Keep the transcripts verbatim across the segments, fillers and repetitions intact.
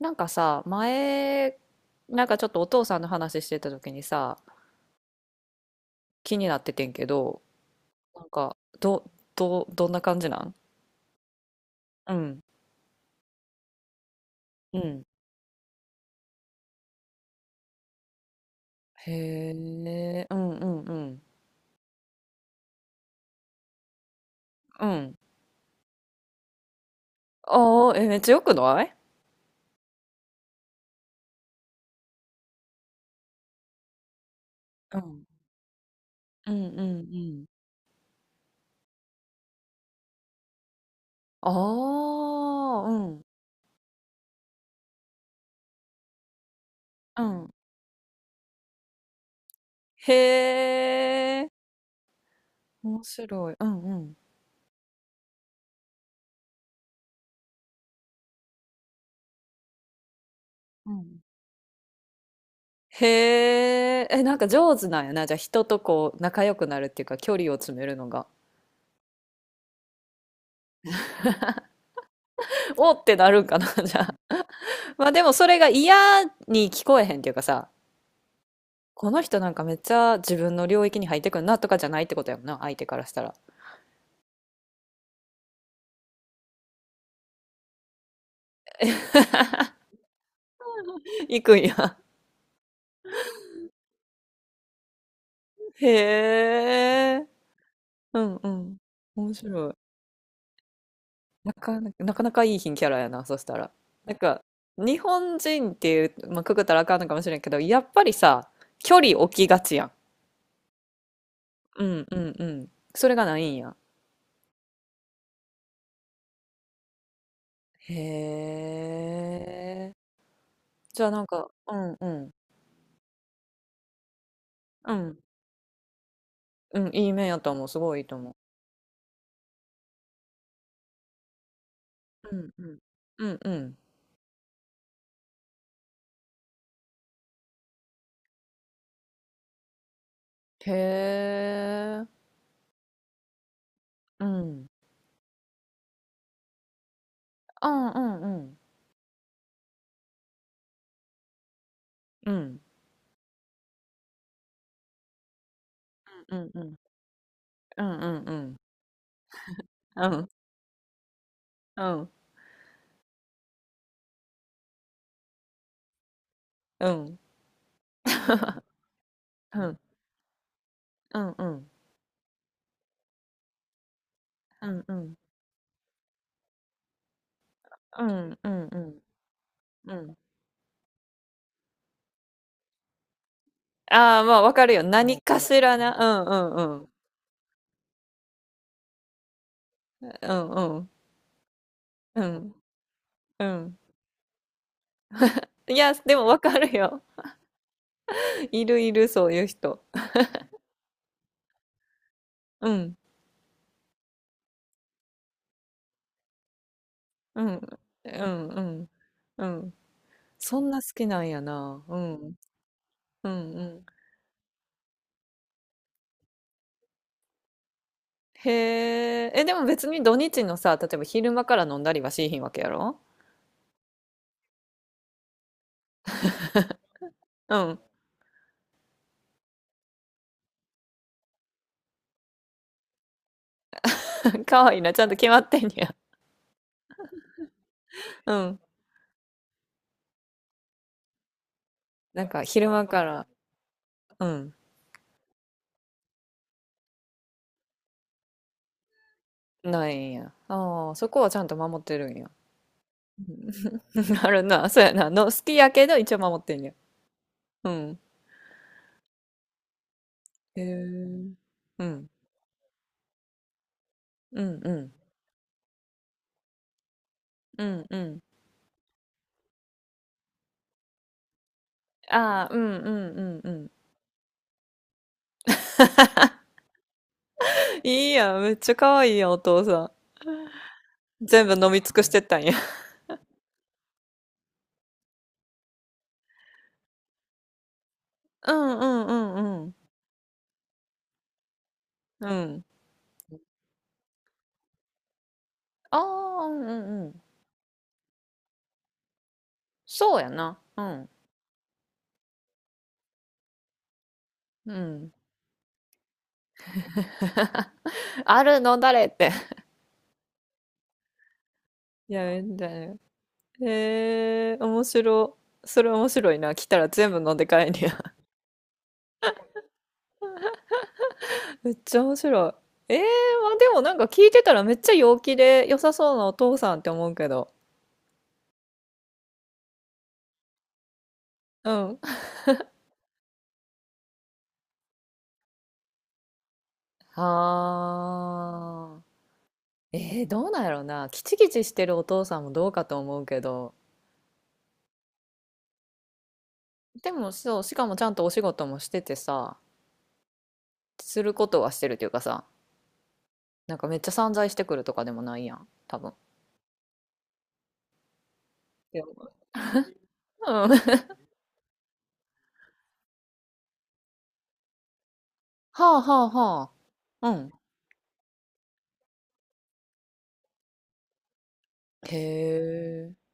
なんかさ、前、なんかちょっとお父さんの話してた時にさ、気になっててんけど、なんか、ど、ど、どんな感じなん。うん。うん。へえ、うんうんうん。うん。ああ、え、めっちゃよくない。うん。うんうんうん。ああ、うん。うん。へえ、面白い。うんうん。うん。へえ、え、なんか上手なんやな。じゃあ人とこう仲良くなるっていうか距離を詰めるのが。おってなるんかな、じゃあ。まあでもそれが嫌に聞こえへんっていうかさ、この人なんかめっちゃ自分の領域に入ってくんなとかじゃないってことやもんな、相手からしたら。行くんや。へえ。うんうん。面白い。なかなか、なかなかいい品キャラやな、そしたら。なんか、日本人っていう、まあ、くくったらあかんのかもしれんけど、やっぱりさ、距離置きがちやん。うんうんうん。それがないんや。へえ。じゃあなんか、うんうん。うん。うん、いい面やと思う。すごいいいと思う。うんうん。うんうん。へえ。うん。うんうんうん。うんうんうん。うんうんうん。うんうんうん。うんうん。 うん。うんうん。うんうんうん。うん。ああー、まあわかるよ。何かしらな。うんうんうん。うんうんうん。うん。いや、でもわかるよ。いるいる、そういう人。うん。うん。うんうん。うん。そんな好きなんやな。うん。うんうん。へえ。え、でも別に土日のさ、例えば昼間から飲んだりはしーひんわけやろ。うん。かわいいな。ちゃんと決まってんや。うん。なんか昼間から、うん。ないんや。ああ、そこはちゃんと守ってるんや。うん。 あるな。そうやな。の、好きやけど一応守ってんや。うん。へえ。うん。うんうん。うんうん。ああ、うんうんうんうん。いいやん。めっちゃかわいいやん、お父さん。全部飲み尽くしてったんや。うんうんうんうん。うん。ああ、うんうんうん。そうやな。うん。うん。あるの誰って。いや、みたいな。へえ、面白。それ面白いな。来たら全部飲んで帰んねや。めっちゃ面白い。ええ、まあでもなんか聞いてたらめっちゃ陽気で良さそうなお父さんって思うけど。うん。ああ。えー、どうなんやろうな。キチキチしてるお父さんもどうかと思うけど。でもそう、しかもちゃんとお仕事もしててさ、することはしてるというかさ、なんかめっちゃ散財してくるとかでもないやん、多分。で、うん。はあはあはあ。うん。へえ。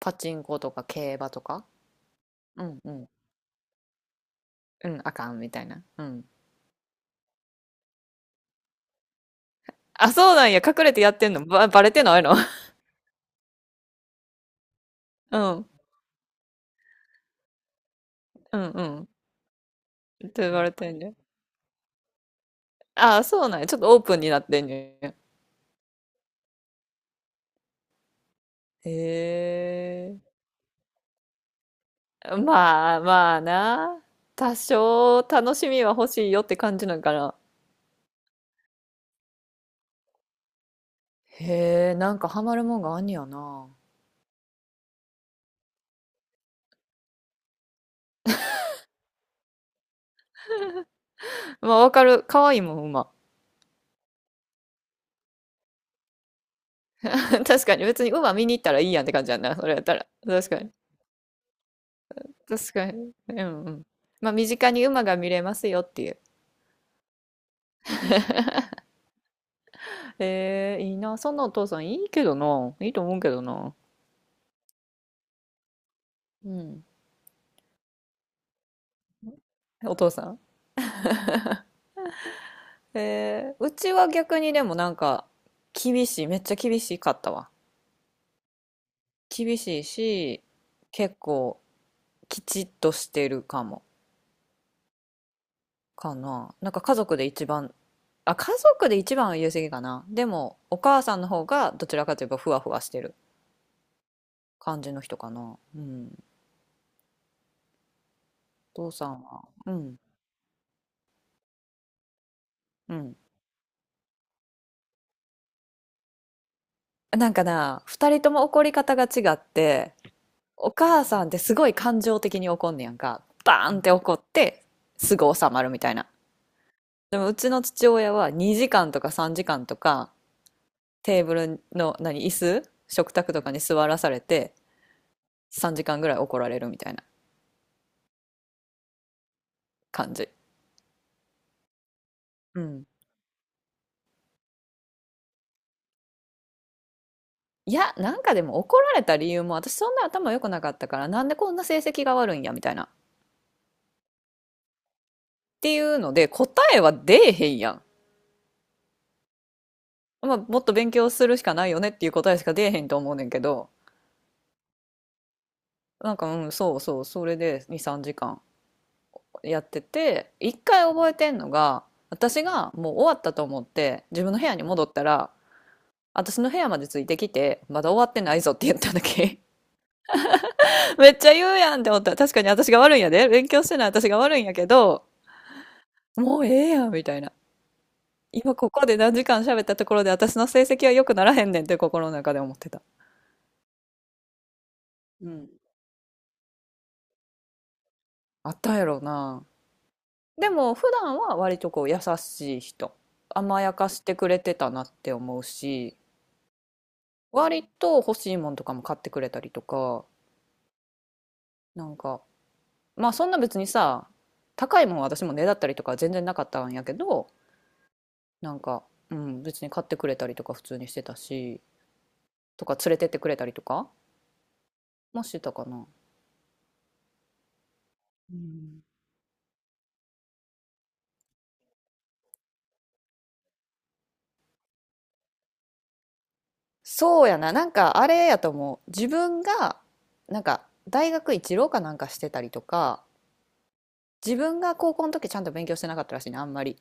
パチンコとか競馬とか。うんうん。うん、あかんみたいな。うん。あ、そうなんや。隠れてやってんの。ば、バレてないの。 うん。うんうん。ってバレてんね。あ、そうなんや。ちょっとオープンになってんねん。へえ。まあまあな。多少楽しみは欲しいよって感じなんかな。へえ、なんかハマるもんがあんねやな。まあ、わかる。可愛いもん、馬。確かに。別に馬見に行ったらいいやんって感じやんな。それやったら。確かに。確かに。うんうん。まあ、身近に馬が見れますよっていう。えー、いいな。そんなお父さんいいけどな。いいと思うけどな。うん。お父さん。えー、うちは逆にでもなんか、厳しい。めっちゃ厳しかったわ。厳しいし、結構、きちっとしてるかも。かな。なんか家族で一番、あ、家族で一番は言い過ぎかな。でも、お母さんの方がどちらかといえばふわふわしてる感じの人かな。うん。お父さんは。うん。うん。なんかな、二人とも怒り方が違って、お母さんってすごい感情的に怒んねやんか。バーンって怒って、すぐ収まるみたいな。でも、うちの父親はにじかんとかさんじかんとか、テーブルの、何、椅子食卓とかに座らされて、さんじかんぐらい怒られるみたいな感じ。うん、いや、なんかでも怒られた理由も私そんな頭良くなかったからなんでこんな成績が悪いんやみたいな。っていうので答えは出えへんやん。まあ、もっと勉強するしかないよねっていう答えしか出えへんと思うねんけど、なんか、うん、そうそう、それでに、さんじかんやってて、一回覚えてんのが、私がもう終わったと思って自分の部屋に戻ったら、私の部屋までついてきてまだ終わってないぞって言っただけ。 めっちゃ言うやんって思った。確かに私が悪いんや、で、勉強してない私が悪いんやけど、もうええやんみたいな。今ここで何時間喋ったところで私の成績は良くならへんねんって心の中で思ってた。うん。あったんやろうな。でも普段は割とこう優しい人、甘やかしてくれてたなって思うし、割と欲しいもんとかも買ってくれたりとか、なんか、まあそんな別にさ、高いもんは私もねだったりとかは全然なかったんやけど、なんか、うん、別に買ってくれたりとか普通にしてたし、とか連れてってくれたりとかもしてたかな。うん、そうやな、なんかあれやと思う。自分が、なんか大学一浪かなんかしてたりとか、自分が高校の時ちゃんと勉強してなかったらしいね、あんまり。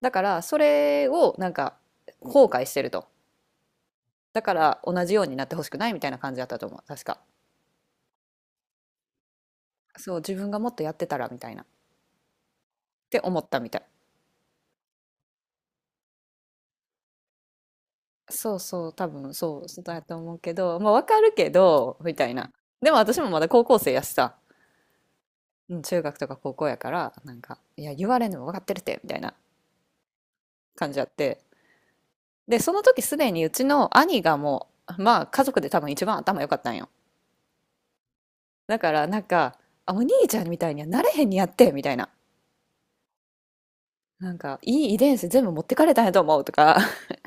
だからそれをなんか後悔してると。だから同じようになってほしくないみたいな感じだったと思う、確か。そう、自分がもっとやってたらみたいな。って思ったみたい。そうそう、多分そうそうだと思うけど、まあわかるけど、みたいな。でも私もまだ高校生やしさ、うん、中学とか高校やから、なんか、いや、言われんでも分かってるって、みたいな。感じあって、で、その時すでにうちの兄がもう、まあ家族で多分一番頭良かったんよ。だからなんか、あ、お兄ちゃんみたいにはなれへんにやってみたいな。なんか、いい遺伝子全部持ってかれたんやと思うとか、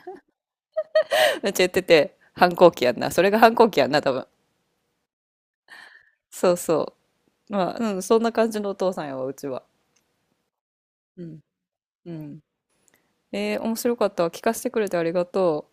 めっちゃ言ってて、反抗期やんな。それが反抗期やんな、多分。そうそう。まあ、うん、そんな感じのお父さんやわ、うちは。うん。うん。えー面白かったわ。聞かせてくれてありがとう。